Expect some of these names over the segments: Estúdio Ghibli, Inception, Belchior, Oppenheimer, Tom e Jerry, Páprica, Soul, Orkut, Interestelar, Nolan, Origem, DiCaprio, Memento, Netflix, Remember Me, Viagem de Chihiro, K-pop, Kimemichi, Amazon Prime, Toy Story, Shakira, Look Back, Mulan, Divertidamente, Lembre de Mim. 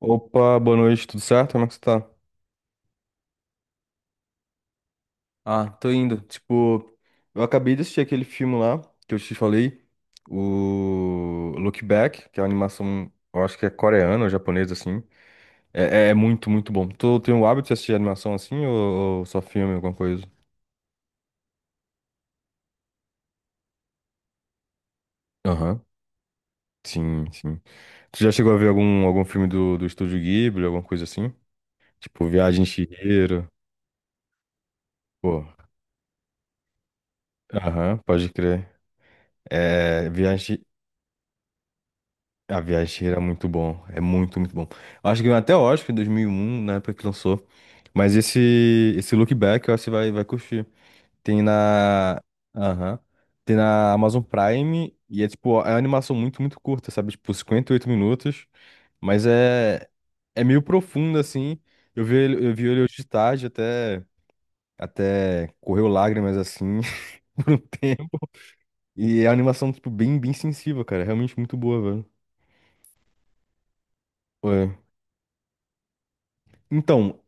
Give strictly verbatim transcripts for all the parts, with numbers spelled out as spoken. Opa, boa noite, tudo certo? Como é que você tá? Ah, tô indo. Tipo, eu acabei de assistir aquele filme lá que eu te falei, o Look Back, que é uma animação, eu acho que é coreana ou japonesa, assim. É, é é muito, muito bom. Tu tem o hábito de assistir animação assim ou, ou só filme, alguma coisa? Aham. Sim, sim. Tu já chegou a ver algum, algum filme do, do Estúdio Ghibli, alguma coisa assim? Tipo, Viagem de Chihiro. Pô, aham, pode crer. É, Viagem, A Viagem era muito bom. É muito, muito bom. Eu acho que ganhou até o Oscar em dois mil e um, na época que lançou. Mas esse, esse Look Back, eu acho que você vai, vai curtir. Tem na. Aham. Tem na Amazon Prime. E é tipo, é uma animação muito, muito curta, sabe? Tipo, cinquenta e oito minutos. Mas é. É meio profunda, assim. Eu vi, ele- eu vi ele hoje de tarde, até. Até correu lágrimas, assim, por um tempo. E é uma animação, tipo, bem, bem sensível, cara. É realmente muito boa, velho. Ué. Então.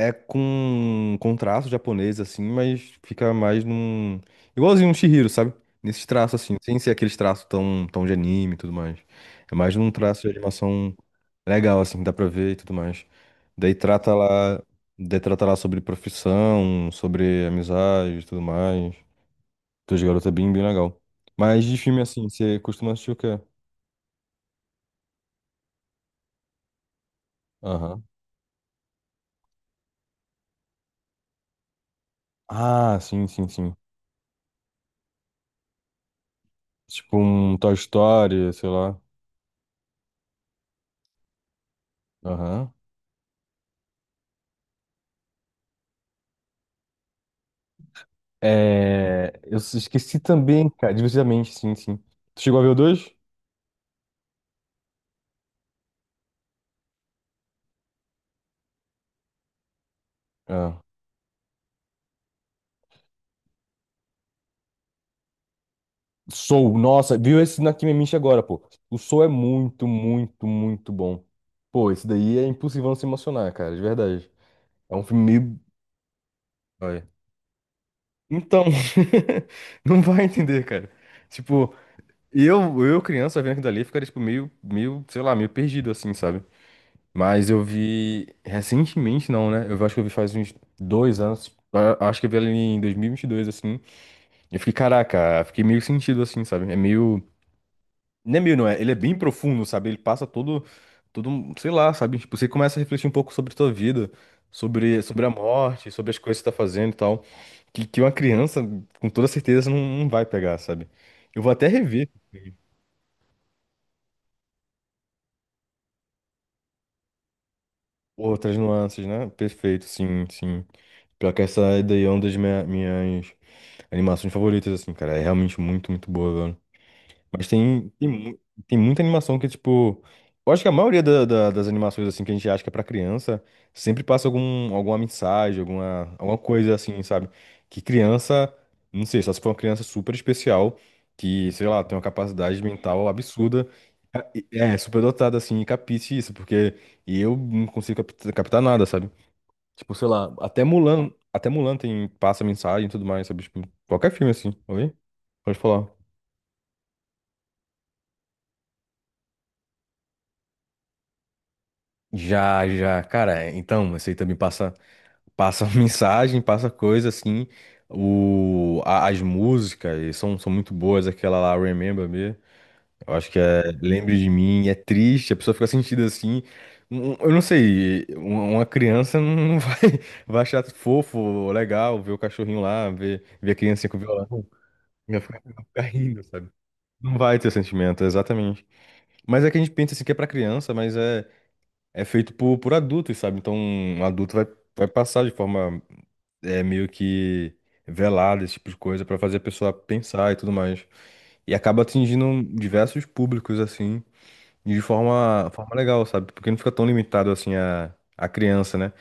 É com, com traço japonês, assim, mas fica mais num. Igualzinho um Chihiro, sabe? Nesses traços, assim, sem ser aqueles traços tão, tão de anime e tudo mais. É mais num traço de animação legal, assim, que dá pra ver e tudo mais. Daí trata lá. Daí trata lá sobre profissão, sobre amizade e tudo mais. Dois garotos é bem, bem legal. Mas de filme, assim, você costuma assistir o quê? Aham. Ah, sim, sim, sim. Tipo um Toy Story, sei lá. Aham. É, eu esqueci também, cara, divertidamente, sim, sim. Tu chegou a ver o dois? Ah. Soul, nossa, viu esse na Kimemichi agora, pô. O Soul é muito, muito, muito bom. Pô, esse daí é impossível não se emocionar, cara, de verdade. É um filme meio. Olha. Então, não vai entender, cara. Tipo, eu, eu criança vendo aquilo dali, ficaria, tipo, meio, meio, sei lá, meio perdido, assim, sabe? Mas eu vi recentemente, não, né? Eu acho que eu vi faz uns dois anos. a- Acho que eu vi ela em dois mil e e vinte e dois assim. Eu fiquei, caraca, fiquei meio sentido, assim, sabe? É meio. Não é meio, não é? Ele é bem profundo, sabe? Ele passa todo. Todo, um- sei lá, sabe? Tipo, você começa a refletir um pouco sobre a tua vida, sobre, sobre a morte, sobre as coisas que você tá fazendo e tal. Que, que uma criança, com toda certeza, não, não vai pegar, sabe? Eu vou até rever outras nuances, né? Perfeito, sim, sim. Pior que essa daí é uma das minha- minhas. Animações favoritas, assim, cara. É realmente muito, muito boa, velho. Mas tem, tem, mu- tem muita animação que, tipo. Eu acho que a maioria da- da- das animações, assim, que a gente acha que é pra criança, sempre passa algum, alguma mensagem, alguma, alguma coisa, assim, sabe? Que criança. Não sei, só se for uma criança super especial, que, sei lá, tem uma capacidade mental absurda. É, super dotada, assim, e capiche isso, porque eu não consigo capta- captar nada, sabe? Tipo, sei lá, até Mulan, até Mulan tem, passa mensagem e tudo mais, sabe? Tipo, qualquer filme assim, oi? Pode falar. Já, já, cara, então, esse aí também passa, passa mensagem, passa coisa assim, o, a- as músicas são, são muito boas, aquela lá, Remember Me, eu acho que é Lembre de Mim, é triste, a pessoa fica sentida assim, Um- um, eu não sei, um- uma criança não vai, vai achar fofo, legal, ver o cachorrinho lá, ver, ver a criancinha com o violão, vai ficar vai ficar rindo, sabe? Não vai ter sentimento, exatamente. Mas é que a gente pensa assim que é pra criança, mas é, é feito por, por adultos, sabe? Então, um adulto vai, vai passar de forma é, meio que velada, esse tipo de coisa, pra fazer a pessoa pensar e tudo mais. E acaba atingindo diversos públicos, assim. E de forma, forma legal, sabe? Porque não fica tão limitado assim a, a criança, né?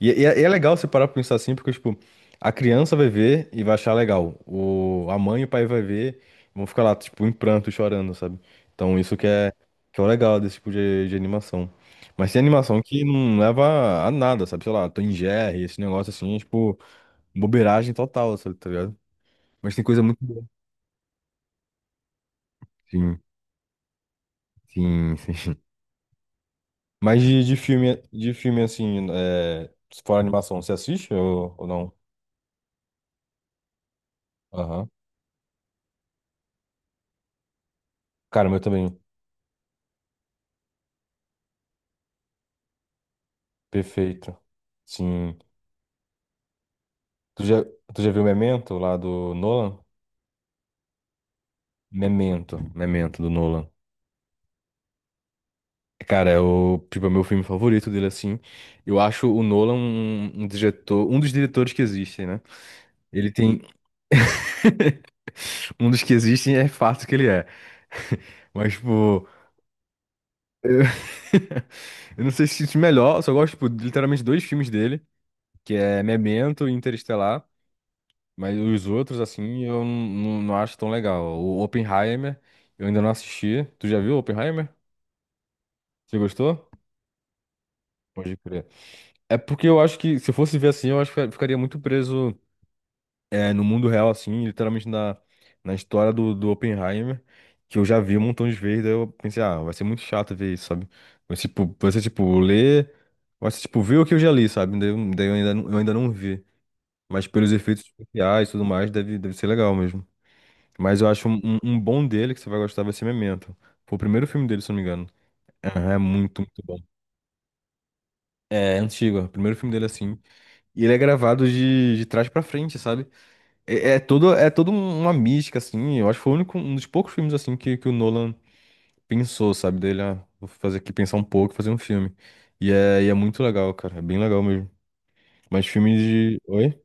E, e é e é legal você parar pra pensar assim, porque, tipo, a criança vai ver e vai achar legal. O, a mãe e o pai vai ver e vão ficar lá, tipo, em pranto, chorando, sabe? Então isso que é, que é o legal desse tipo de, de animação. Mas tem animação que não leva a nada, sabe? Sei lá, Tom e Jerry, esse negócio assim, é, tipo, bobeiragem total, sabe? Tá ligado? Mas tem coisa muito boa. Sim, sim, sim. Mas de, de filme, de filme assim, é, se for animação, você assiste ou, ou não? Aham. Cara, o meu também. Perfeito. Sim. Tu já, tu já viu Memento lá do Nolan? Memento, Memento do Nolan. Cara, é o, tipo, é o meu filme favorito dele, assim. Eu acho o Nolan um, um diretor, um dos diretores que existem, né? Ele tem, um dos que existem é fato que ele é. Mas, tipo, eu não sei se isso é melhor, eu só gosto, tipo, de literalmente dois filmes dele, que é Memento e Interestelar. Mas os outros, assim, eu não, não acho tão legal. O Oppenheimer, eu ainda não assisti. Tu já viu o Oppenheimer? Você gostou? Pode crer. É porque eu acho que, se eu fosse ver assim, eu acho que eu ficaria muito preso é, no mundo real, assim, literalmente na, na história do, do Oppenheimer, que eu já vi um montão de vezes, daí eu pensei, ah, vai ser muito chato ver isso, sabe? Vai ser, tipo, vai ser, tipo, ler, vai ser, tipo, ver o que eu já li, sabe? Daí, eu daí eu ainda, não- eu ainda não vi. Mas pelos efeitos especiais e tudo mais, deve, deve ser legal mesmo. Mas eu acho um, um- um bom dele que você vai gostar vai ser Memento. Foi o primeiro filme dele, se eu não me engano. Aham. É muito, muito bom. É, é antigo, é o primeiro filme dele assim. E ele é gravado de, de trás pra frente, sabe? É, é todo, é todo um- uma mística, assim. Eu acho que foi o único, um dos poucos filmes assim que, que o Nolan pensou, sabe? Dele, ah, vou fazer aqui pensar um pouco, e fazer um filme. E é, e é muito legal, cara. É bem legal mesmo. Mas filme de. Oi?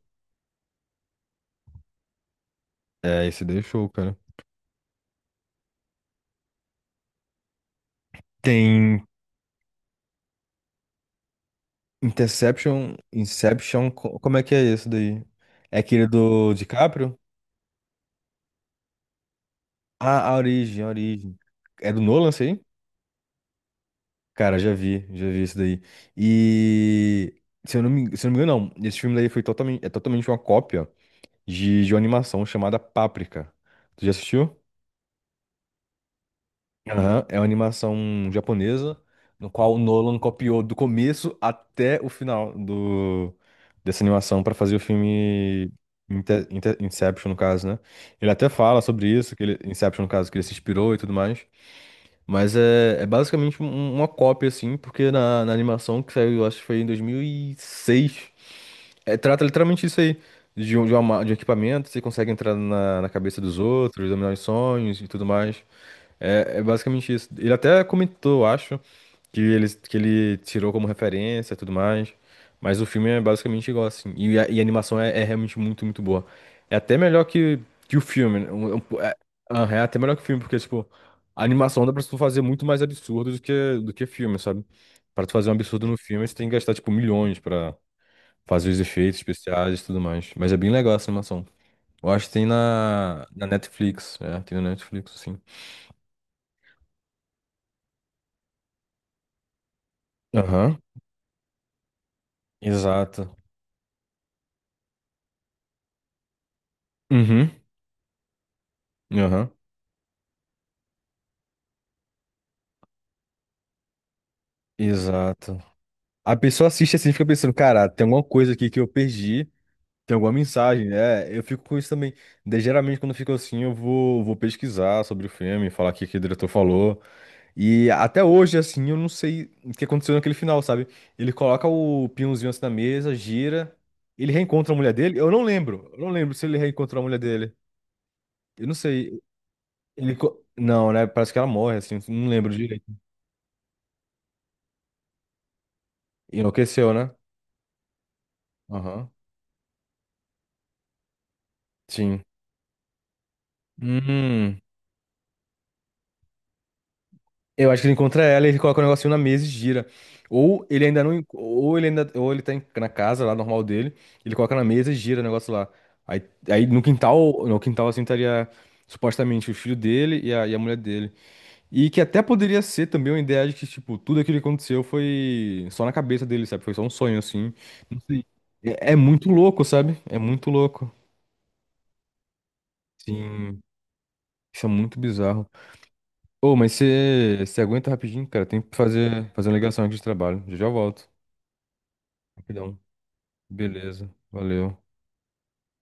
É, esse daí é show, cara. Tem. Interception, Inception, co- como é que é esse daí? É aquele do DiCaprio? Ah, a Origem, a Origem. É do Nolan, isso aí? Cara, já vi, já vi isso daí. E se eu não me, se eu não me engano, não. Esse filme daí foi totalmente, é totalmente uma cópia de, de uma animação chamada Páprica. Tu já assistiu? Aham. É uma animação japonesa, no qual o Nolan copiou do começo até o final do, dessa animação para fazer o filme Inte- Inte- Inception, no caso, né? Ele até fala sobre isso, que ele, Inception, no caso, que ele se inspirou e tudo mais. Mas é, é basicamente um- um, uma cópia, assim, porque na, na animação que saiu, eu acho que foi em dois mil e seis, é, trata literalmente isso aí. De um, de uma ma- de um equipamento, você consegue entrar na, na cabeça dos outros, dominar os sonhos e tudo mais. É, é basicamente isso. Ele até comentou, acho, que ele, que ele tirou como referência e tudo mais. Mas o filme é basicamente igual, assim. E a, e a animação é, é realmente muito, muito boa. É até melhor que, que o filme. Né? Um- um- É, aham, é até melhor que o filme, porque, tipo, a animação dá pra tu fazer muito mais absurdo do que, do que filme, sabe? Pra tu fazer um absurdo no filme, você tem que gastar, tipo, milhões pra fazer os efeitos especiais e tudo mais. Mas é bem legal essa animação. Eu acho que tem na, na Netflix. É, tem na Netflix, assim. Aham. Exato. Uhum. Aham. Exato. A pessoa assiste assim e fica pensando, cara, tem alguma coisa aqui que eu perdi, tem alguma mensagem, né? Eu fico com isso também. Daí, geralmente, quando eu fico assim, eu vou, vou pesquisar sobre o filme, falar o que, que o diretor falou. E até hoje, assim, eu não sei o que aconteceu naquele final, sabe? Ele coloca o pinhãozinho assim na mesa, gira, ele reencontra a mulher dele? Eu não lembro. Eu não lembro se ele reencontrou a mulher dele. Eu não sei. Ele... co- Não, né? Parece que ela morre, assim, não lembro direito. Enlouqueceu, né? Aham. Sim. Hum. Eu acho que ele encontra ela, ele coloca o negocinho na mesa e gira. Ou ele ainda não. en- Ou ele ainda. Ou ele tá em- na casa lá, normal dele. Ele coloca na mesa e gira o negócio lá. Aí, aí no quintal, no quintal assim estaria supostamente o filho dele e a, e a mulher dele. E que até poderia ser também uma ideia de que, tipo, tudo aquilo que aconteceu foi só na cabeça dele, sabe? Foi só um sonho, assim. Não sei. É, é muito louco, sabe? É muito louco. Sim. Isso é muito bizarro. Ô, mas você você aguenta rapidinho, cara. Tem que fazer, fazer uma ligação aqui de trabalho. Já já eu volto. Rapidão. Beleza. Valeu.